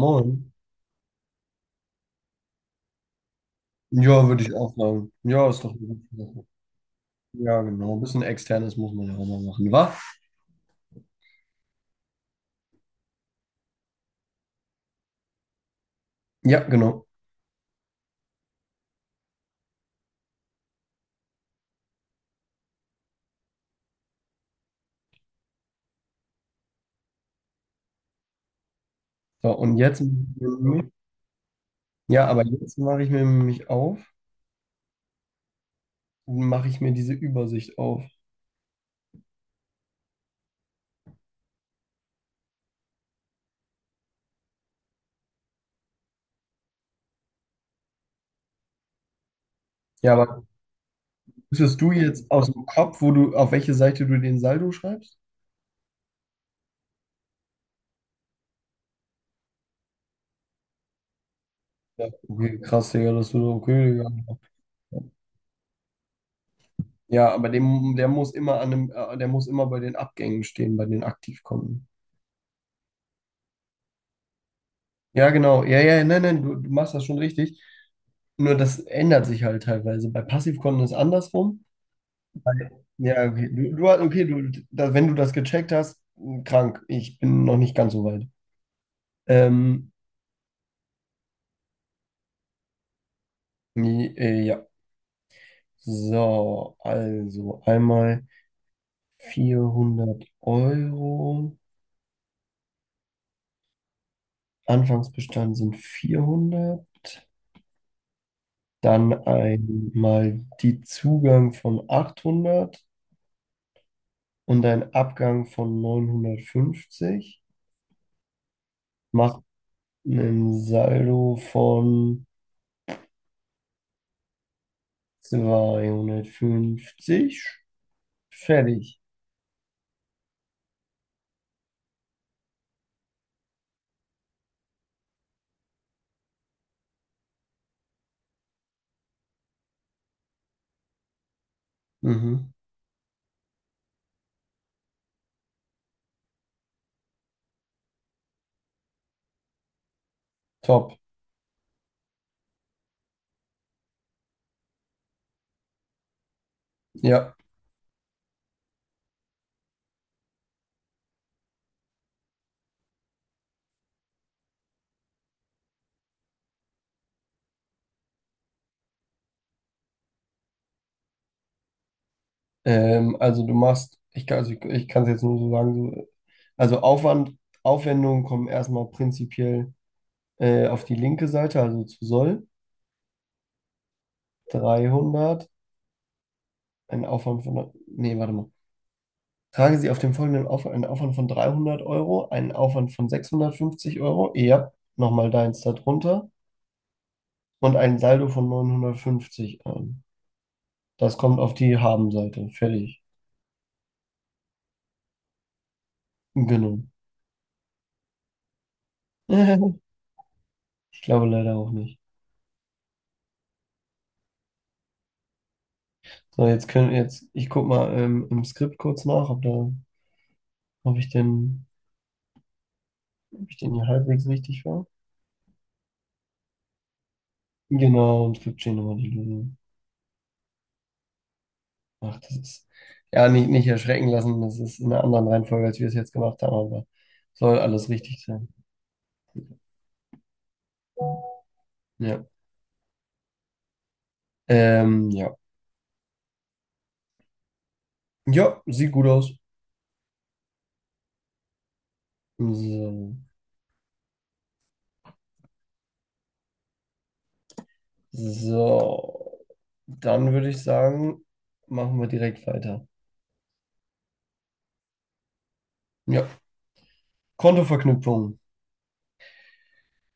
Moin. Ja, würde ich auch sagen. Ja, ist doch eine gute Sache. Ja, genau. Ein bisschen externes muss man ja auch mal machen, wa? Ja, genau. So, und jetzt, ja, aber jetzt mache ich mir mich auf und mache ich mir diese Übersicht auf. Ja, aber wüsstest du jetzt aus dem Kopf, wo du, auf welche Seite du den Saldo schreibst? Ja, okay, krass, Digga, das wird okay, Digga. Ja, aber dem, der muss immer an dem, der muss immer bei den Abgängen stehen, bei den Aktivkonten. Ja, genau. Ja, ja, nein, nein, du machst das schon richtig. Nur das ändert sich halt teilweise. Bei Passivkonten ist andersrum. Ja, okay. Du, okay, du, da, wenn du das gecheckt hast, hm, krank. Ich bin noch nicht ganz so weit. Ähm, nee, ja. So, also einmal vierhundert Euro. Anfangsbestand sind 400. Dann einmal die Zugang von 800 und ein Abgang von 950. Macht einen Saldo von 250. Fertig. Mhm. Top. Ja. Also du machst, ich kann, also ich kann es jetzt nur so sagen, so, also Aufwand, Aufwendungen kommen erstmal prinzipiell auf die linke Seite, also zu Soll. 300, ein Aufwand von, nee, warte mal. Tragen Sie auf dem folgenden Aufwand einen Aufwand von 300 Euro, einen Aufwand von 650 Euro, ja, nochmal deins darunter und einen Saldo von 950 ein. Das kommt auf die Habenseite, fertig. Genau. Ich glaube leider auch nicht. So, jetzt können jetzt, ich guck mal im Skript kurz nach, ob da, ob ich den, ob ich den hier halbwegs richtig war. Genau, und Skript stehen nochmal die Lösung. Ach, das ist, ja, nicht, nicht erschrecken lassen, das ist in einer anderen Reihenfolge, als wir es jetzt gemacht haben, aber soll alles richtig sein. Ja. Ja. Ja, sieht gut aus. So. So, dann würde ich sagen, machen wir direkt weiter. Ja, Kontoverknüpfung.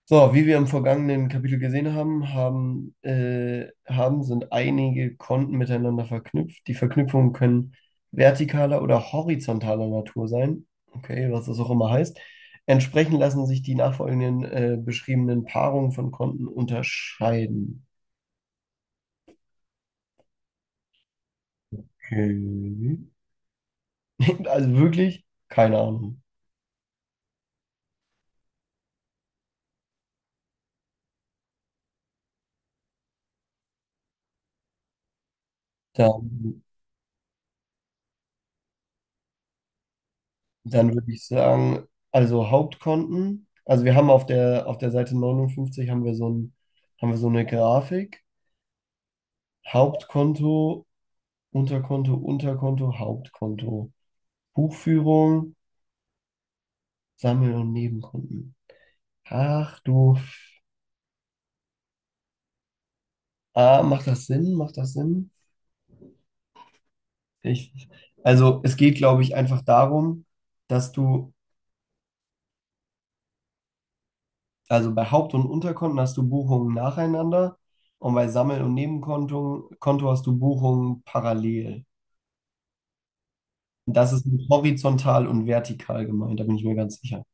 So, wie wir im vergangenen Kapitel gesehen haben, sind einige Konten miteinander verknüpft. Die Verknüpfungen können vertikaler oder horizontaler Natur sein. Okay, was das auch immer heißt. Entsprechend lassen sich die nachfolgenden beschriebenen Paarungen von Konten unterscheiden. Okay. Also wirklich, keine Ahnung. Dann, dann würde ich sagen, also Hauptkonten. Also wir haben auf der Seite 59 haben wir so eine Grafik. Hauptkonto, Unterkonto, Unterkonto, Hauptkonto. Buchführung, Sammel- und Nebenkonten. Ach du. Ah, macht das Sinn? Macht das Sinn? Ich, also es geht, glaube ich, einfach darum, dass du, also bei Haupt- und Unterkonten hast du Buchungen nacheinander und bei Sammel- und Nebenkonto Konto hast du Buchungen parallel. Das ist mit horizontal und vertikal gemeint, da bin ich mir ganz sicher.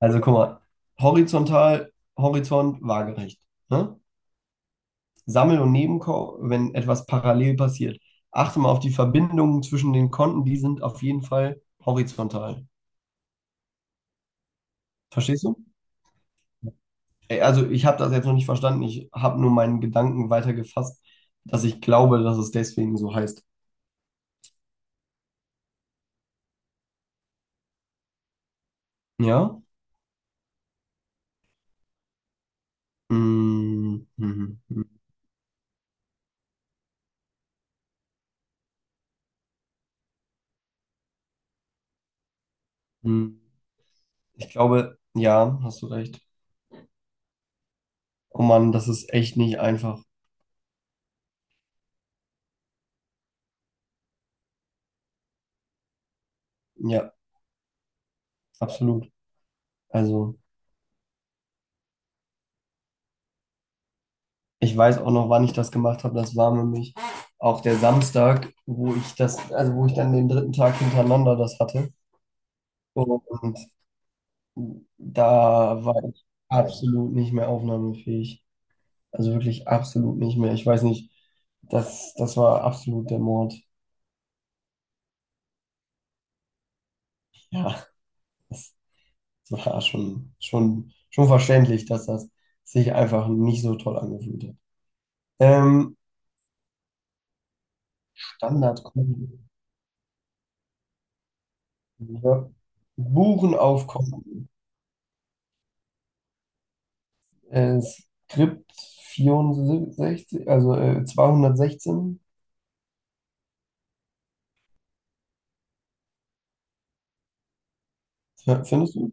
Also guck mal, horizontal, Horizont, waagerecht. Ne? Sammel- und Nebenkau, wenn etwas parallel passiert. Achte mal auf die Verbindungen zwischen den Konten, die sind auf jeden Fall horizontal. Verstehst du? Ey, also ich habe das jetzt noch nicht verstanden, ich habe nur meinen Gedanken weitergefasst, dass ich glaube, dass es deswegen so heißt. Ja? Mm, mhm, mhm, mhm. Ich glaube, ja, hast du recht. Oh Mann, das ist echt nicht einfach. Ja, absolut. Also. Ich weiß auch noch, wann ich das gemacht habe. Das war nämlich auch der Samstag, wo ich das, also wo ich dann den dritten Tag hintereinander das hatte. Und da war ich absolut nicht mehr aufnahmefähig. Also wirklich absolut nicht mehr. Ich weiß nicht, das war absolut der Mord. Ja, das, war schon verständlich, dass das sich einfach nicht so toll angefühlt hat. Ähm, Standard. Ja. Buchen auf Konto. Skript 64, also 216, findest du?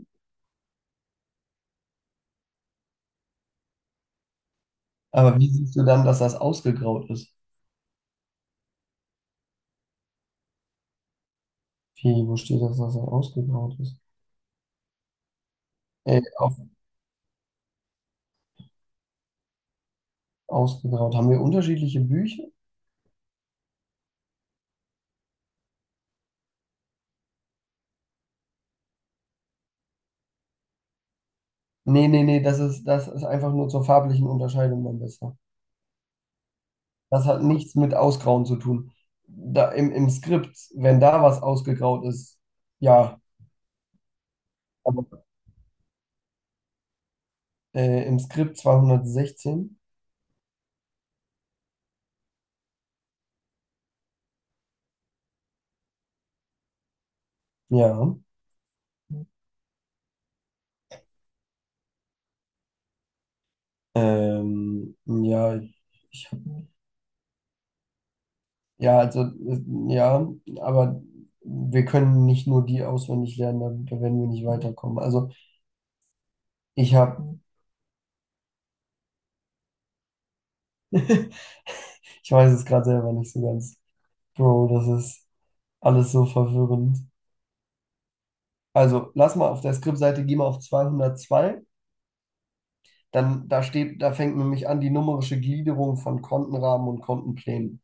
Aber wie siehst du dann, dass das ausgegraut ist? Wie, wo steht das, dass das ausgegraut ist? Äh, auf, ausgegraut. Haben wir unterschiedliche Bücher? Nee, nee, nee, das ist einfach nur zur farblichen Unterscheidung dann besser. Das hat nichts mit Ausgrauen zu tun. Im Skript, wenn da was ausgegraut ist, ja. Aber, im Skript 216, ja. Ja, ich habe. Ja, also, ja, aber wir können nicht nur die auswendig lernen, da werden wir nicht weiterkommen. Also, ich habe, ich weiß es gerade selber nicht so ganz. Bro, das ist alles so verwirrend. Also, lass mal auf der Skriptseite, geh mal auf 202. Dann, da steht, da fängt nämlich an die numerische Gliederung von Kontenrahmen und Kontenplänen.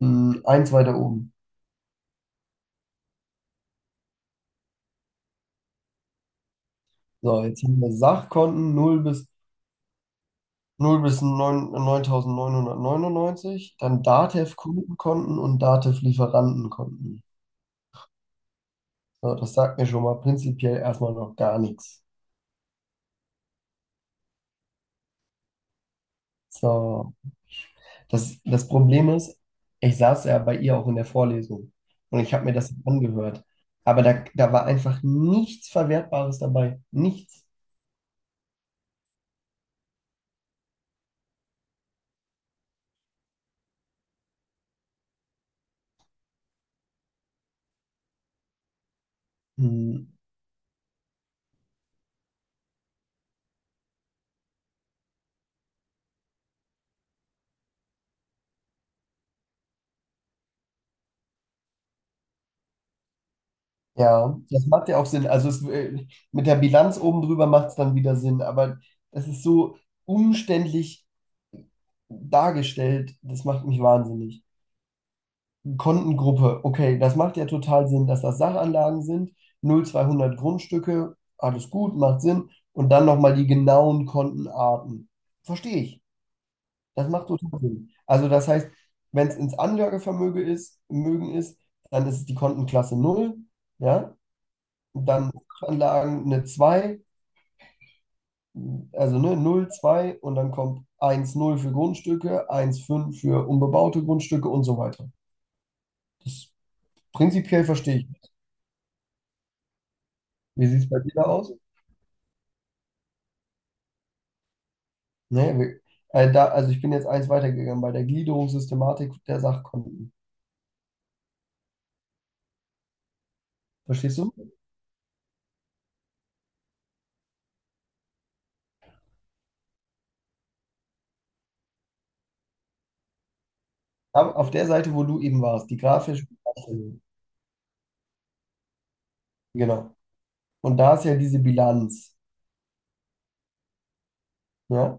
Hm, eins weiter oben. So, jetzt haben wir Sachkonten null bis 0 bis 9, 9.999, dann Datev-Kundenkonten und Datev-Lieferantenkonten. So, das sagt mir schon mal prinzipiell erstmal noch gar nichts. So, das Problem ist, ich saß ja bei ihr auch in der Vorlesung und ich habe mir das angehört. Aber da war einfach nichts Verwertbares dabei. Nichts. Hm. Ja, das macht ja auch Sinn. Also es, mit der Bilanz oben drüber macht es dann wieder Sinn. Aber das ist so umständlich dargestellt, das macht mich wahnsinnig. Kontengruppe, okay, das macht ja total Sinn, dass das Sachanlagen sind, 0,200 Grundstücke, alles gut, macht Sinn. Und dann nochmal die genauen Kontenarten. Verstehe ich. Das macht total Sinn. Also das heißt, wenn es ins Anlagevermögen ist, Mögen ist, dann ist es die Kontenklasse 0, ja, dann Sachanlagen eine 2, also ne, 0, 2 und dann kommt 1,0 für Grundstücke, 1,5 für unbebaute Grundstücke und so weiter. Das prinzipiell verstehe ich. Wie sieht es bei dir da aus? Nee, wir, da, also ich bin jetzt eins weitergegangen bei der Gliederungssystematik der Sachkonten. Verstehst du? Aber auf der Seite, wo du eben warst, die grafische Darstellung. Genau. Und da ist ja diese Bilanz. Ja,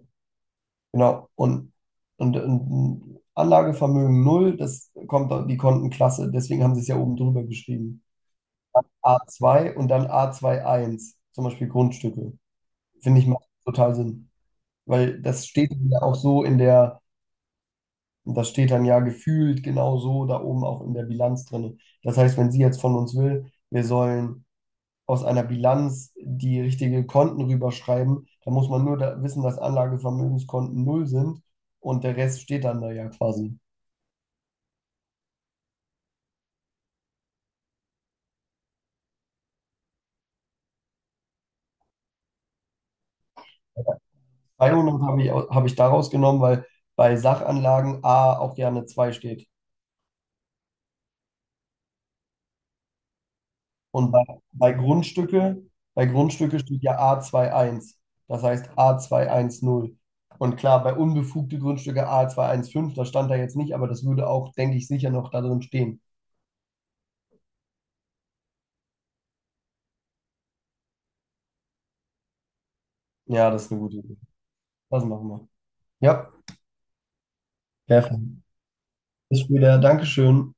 genau. Und Anlagevermögen null. Das kommt dann die Kontenklasse. Deswegen haben sie es ja oben drüber geschrieben. A2 und dann A21 zum Beispiel Grundstücke. Finde ich macht total Sinn. Weil das steht ja auch so in der. Und das steht dann ja gefühlt genau so da oben auch in der Bilanz drin. Das heißt, wenn sie jetzt von uns will, wir sollen aus einer Bilanz die richtigen Konten rüberschreiben, dann muss man nur da wissen, dass Anlagevermögenskonten null sind und der Rest steht dann da ja quasi. 200 habe ich, habe ich daraus genommen, weil bei Sachanlagen A auch gerne 2 steht. Und bei Grundstücke, bei Grundstücke steht ja A2.1, das heißt A210. Und klar, bei unbefugte Grundstücke A215, das stand da jetzt nicht, aber das würde auch, denke ich, sicher noch da drin stehen. Ja, das ist eine gute Idee. Das machen wir. Ja, perfekt. Bis später. Dankeschön.